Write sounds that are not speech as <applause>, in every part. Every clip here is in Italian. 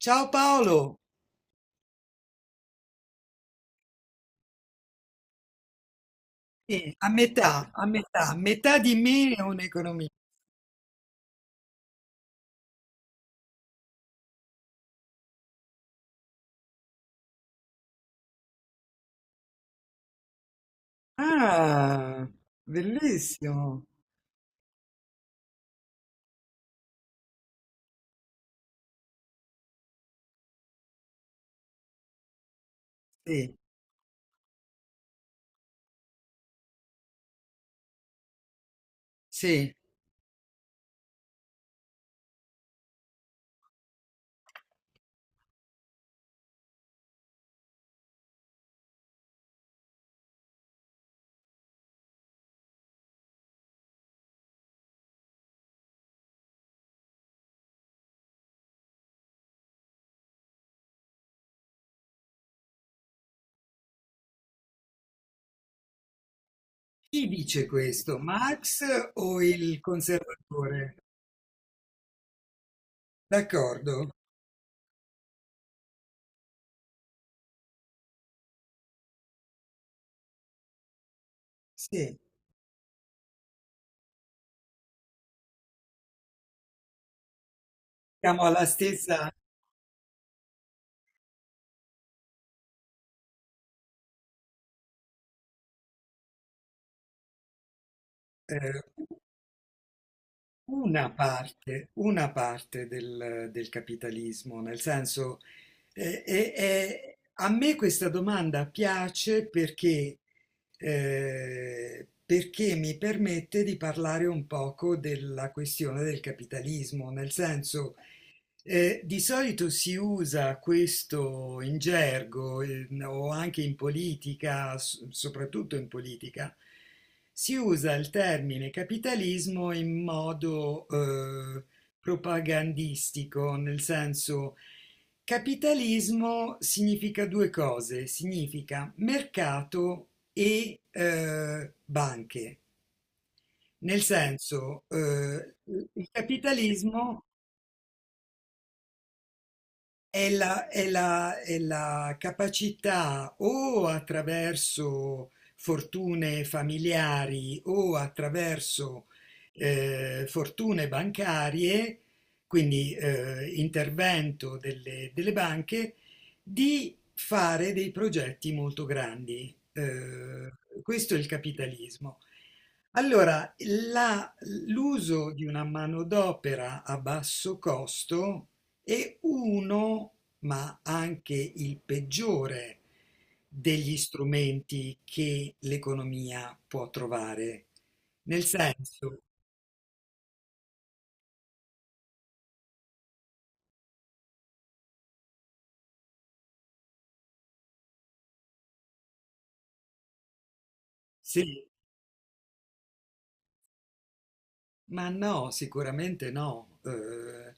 Ciao Paolo. Sì, a metà, metà di me è un economista. Ah, bellissimo. Sì, sì. Chi dice questo? Marx o il conservatore? D'accordo? Sì, siamo alla stessa. eh, una parte del, del capitalismo, nel senso, a me questa domanda piace perché, perché mi permette di parlare un poco della questione del capitalismo, nel senso, di solito si usa questo in gergo o anche in politica, soprattutto in politica, si usa il termine capitalismo in modo propagandistico, nel senso capitalismo significa due cose, significa mercato e banche, nel senso il capitalismo. È la, è la capacità o attraverso fortune familiari o attraverso fortune bancarie, quindi intervento delle, delle banche, di fare dei progetti molto grandi. Questo è il capitalismo. Allora, l'uso di una manodopera a basso costo e uno, ma anche il peggiore, degli strumenti che l'economia può trovare. Nel senso, sì. Ma no, sicuramente no. Eh,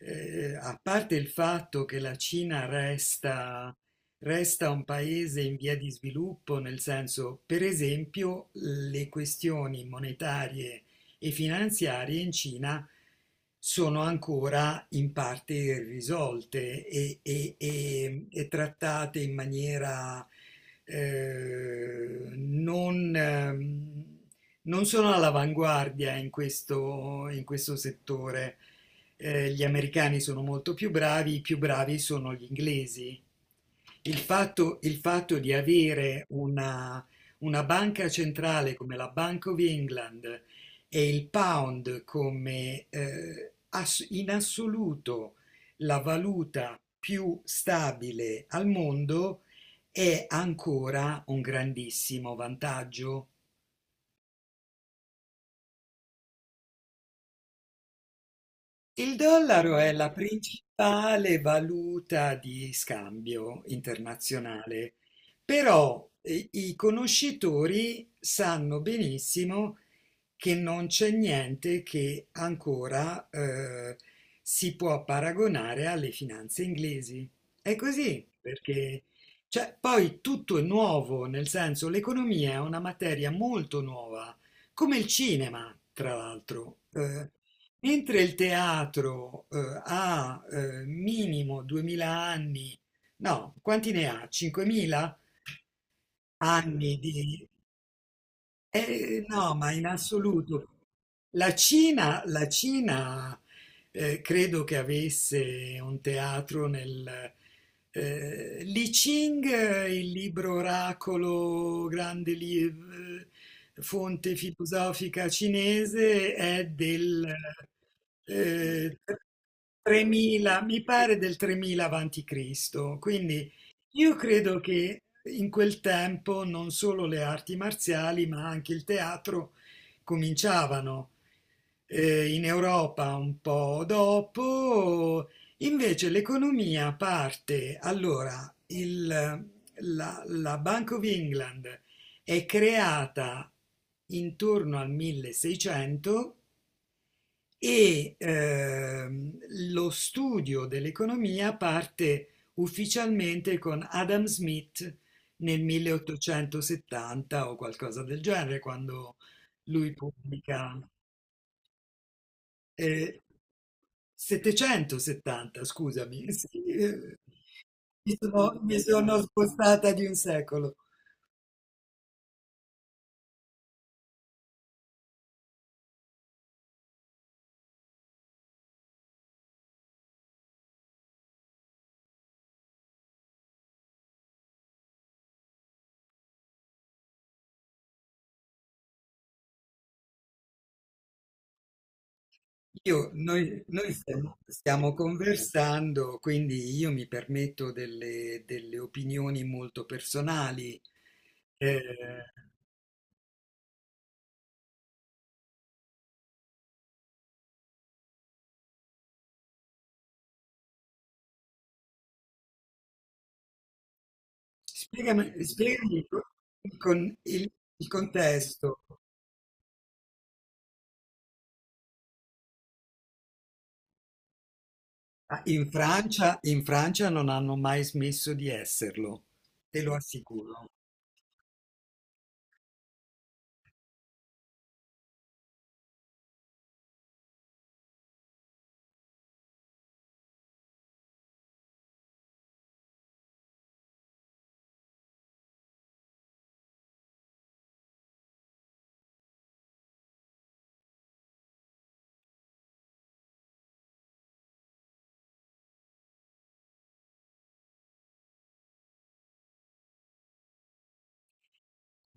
eh, A parte il fatto che la Cina resta, resta un paese in via di sviluppo, nel senso, per esempio, le questioni monetarie e finanziarie in Cina sono ancora in parte irrisolte e, e trattate in maniera non... non sono all'avanguardia in questo settore. Gli americani sono molto più bravi, i più bravi sono gli inglesi. Il fatto di avere una banca centrale come la Bank of England e il pound come in assoluto la valuta più stabile al mondo è ancora un grandissimo vantaggio. Il dollaro è la principale valuta di scambio internazionale, però i conoscitori sanno benissimo che non c'è niente che ancora si può paragonare alle finanze inglesi. È così, perché cioè, poi tutto è nuovo, nel senso l'economia è una materia molto nuova, come il cinema, tra l'altro. Mentre il teatro ha minimo 2000 anni, no, quanti ne ha? 5000 anni di, no, ma in assoluto. La Cina credo che avesse un teatro nel... Li Ching, il libro oracolo, grande fonte filosofica cinese, è del eh, 3000, mi pare del 3000 avanti Cristo, quindi io credo che in quel tempo non solo le arti marziali, ma anche il teatro cominciavano in Europa un po' dopo. Invece l'economia parte, allora, la, la Bank of England è creata intorno al 1600 e lo studio dell'economia parte ufficialmente con Adam Smith nel 1870 o qualcosa del genere, quando lui pubblica eh, 770, scusami, <laughs> sì, mi sono spostata di un secolo. Noi stiamo, stiamo conversando, quindi io mi permetto delle, delle opinioni molto personali. Eh, spiegami, con il contesto. Ah, in Francia, in Francia non hanno mai smesso di esserlo, te lo assicuro.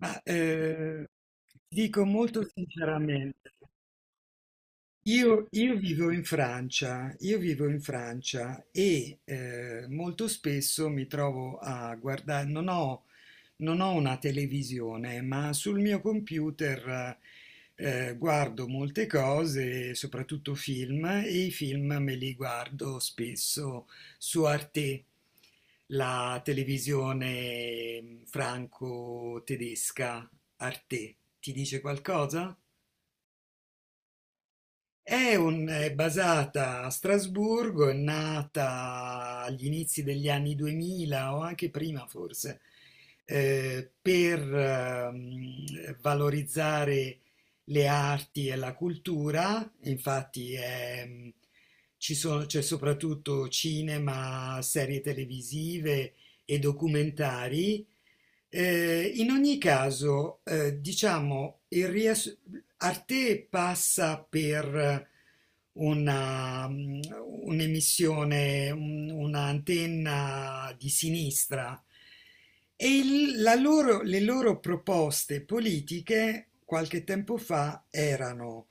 Ma eh, ti dico molto sinceramente. Io vivo in Francia, io vivo in Francia e molto spesso mi trovo a guardare, non ho una televisione, ma sul mio computer guardo molte cose, soprattutto film, e i film me li guardo spesso su Arte, la televisione franco-tedesca Arte. Ti dice qualcosa? È, è basata a Strasburgo, è nata agli inizi degli anni 2000 o anche prima forse, per valorizzare le arti e la cultura. Infatti è, mm, c'è soprattutto cinema, serie televisive e documentari. In ogni caso, diciamo, Arte passa per una, mm, un'emissione, un'antenna di sinistra e le loro proposte politiche qualche tempo fa erano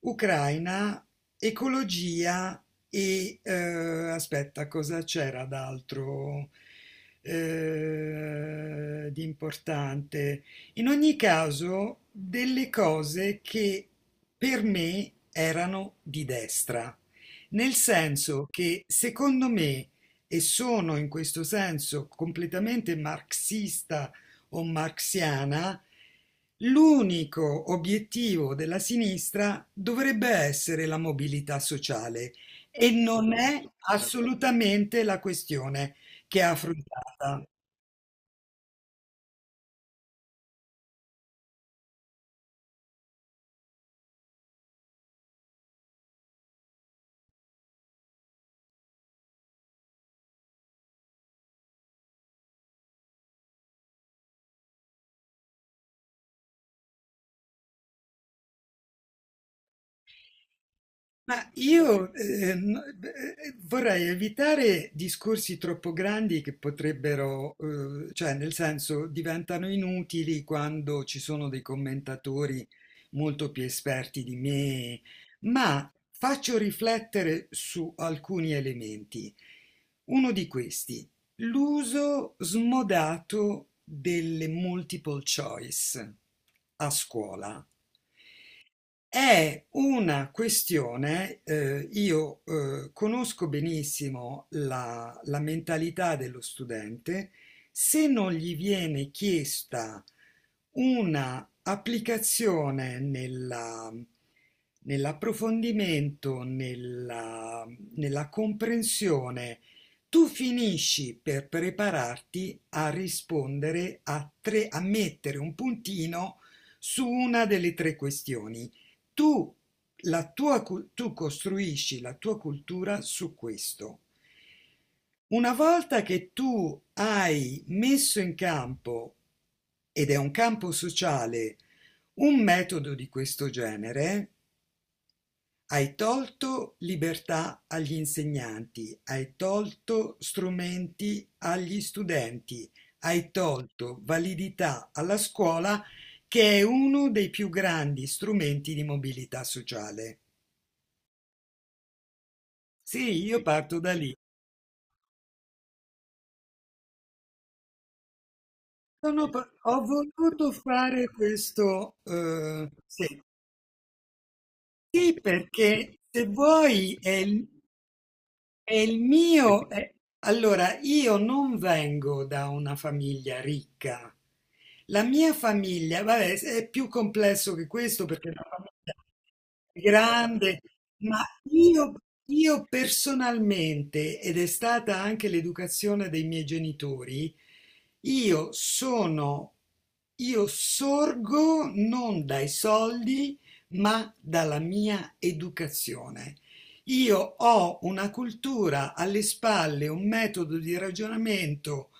Ucraina, ecologia e aspetta, cosa c'era d'altro di importante? In ogni caso, delle cose che per me erano di destra, nel senso che secondo me, e sono in questo senso completamente marxista o marxiana, l'unico obiettivo della sinistra dovrebbe essere la mobilità sociale, e non è assolutamente la questione che è affrontata. Ma io no- vorrei evitare discorsi troppo grandi che potrebbero, cioè nel senso diventano inutili quando ci sono dei commentatori molto più esperti di me, ma faccio riflettere su alcuni elementi. Uno di questi, l'uso smodato delle multiple choice a scuola. È una questione, io conosco benissimo la, la mentalità dello studente, se non gli viene chiesta una applicazione nella, nell'approfondimento, nella, nella comprensione, tu finisci per prepararti a rispondere a tre, a mettere un puntino su una delle tre questioni. Tu, tu costruisci la tua cultura su questo. Una volta che tu hai messo in campo, ed è un campo sociale, un metodo di questo genere, hai tolto libertà agli insegnanti, hai tolto strumenti agli studenti, hai tolto validità alla scuola che è uno dei più grandi strumenti di mobilità sociale. Sì, io parto da lì. Ho voluto fare questo, sì. Sì, perché se vuoi è, e il mio, allora, io non vengo da una famiglia ricca. La mia famiglia, vabbè, è più complesso che questo perché la famiglia è grande, ma io, io personalmente, ed è stata anche l'educazione dei miei genitori, io sono, io sorgo non dai soldi, ma dalla mia educazione. Io ho una cultura alle spalle, un metodo di ragionamento,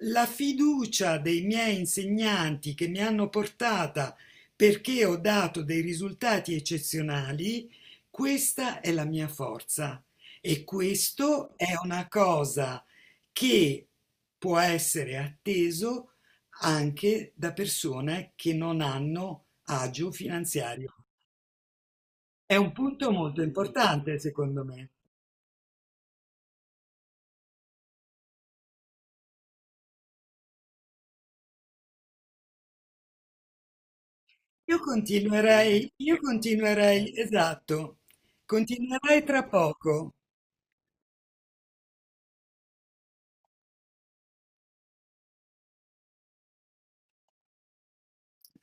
la fiducia dei miei insegnanti che mi hanno portata perché ho dato dei risultati eccezionali, questa è la mia forza. E questo è una cosa che può essere atteso anche da persone che non hanno agio finanziario. È un punto molto importante, secondo me. Io continuerei, esatto, continuerei tra poco.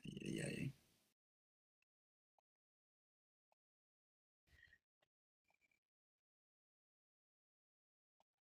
Ai, ai, ai.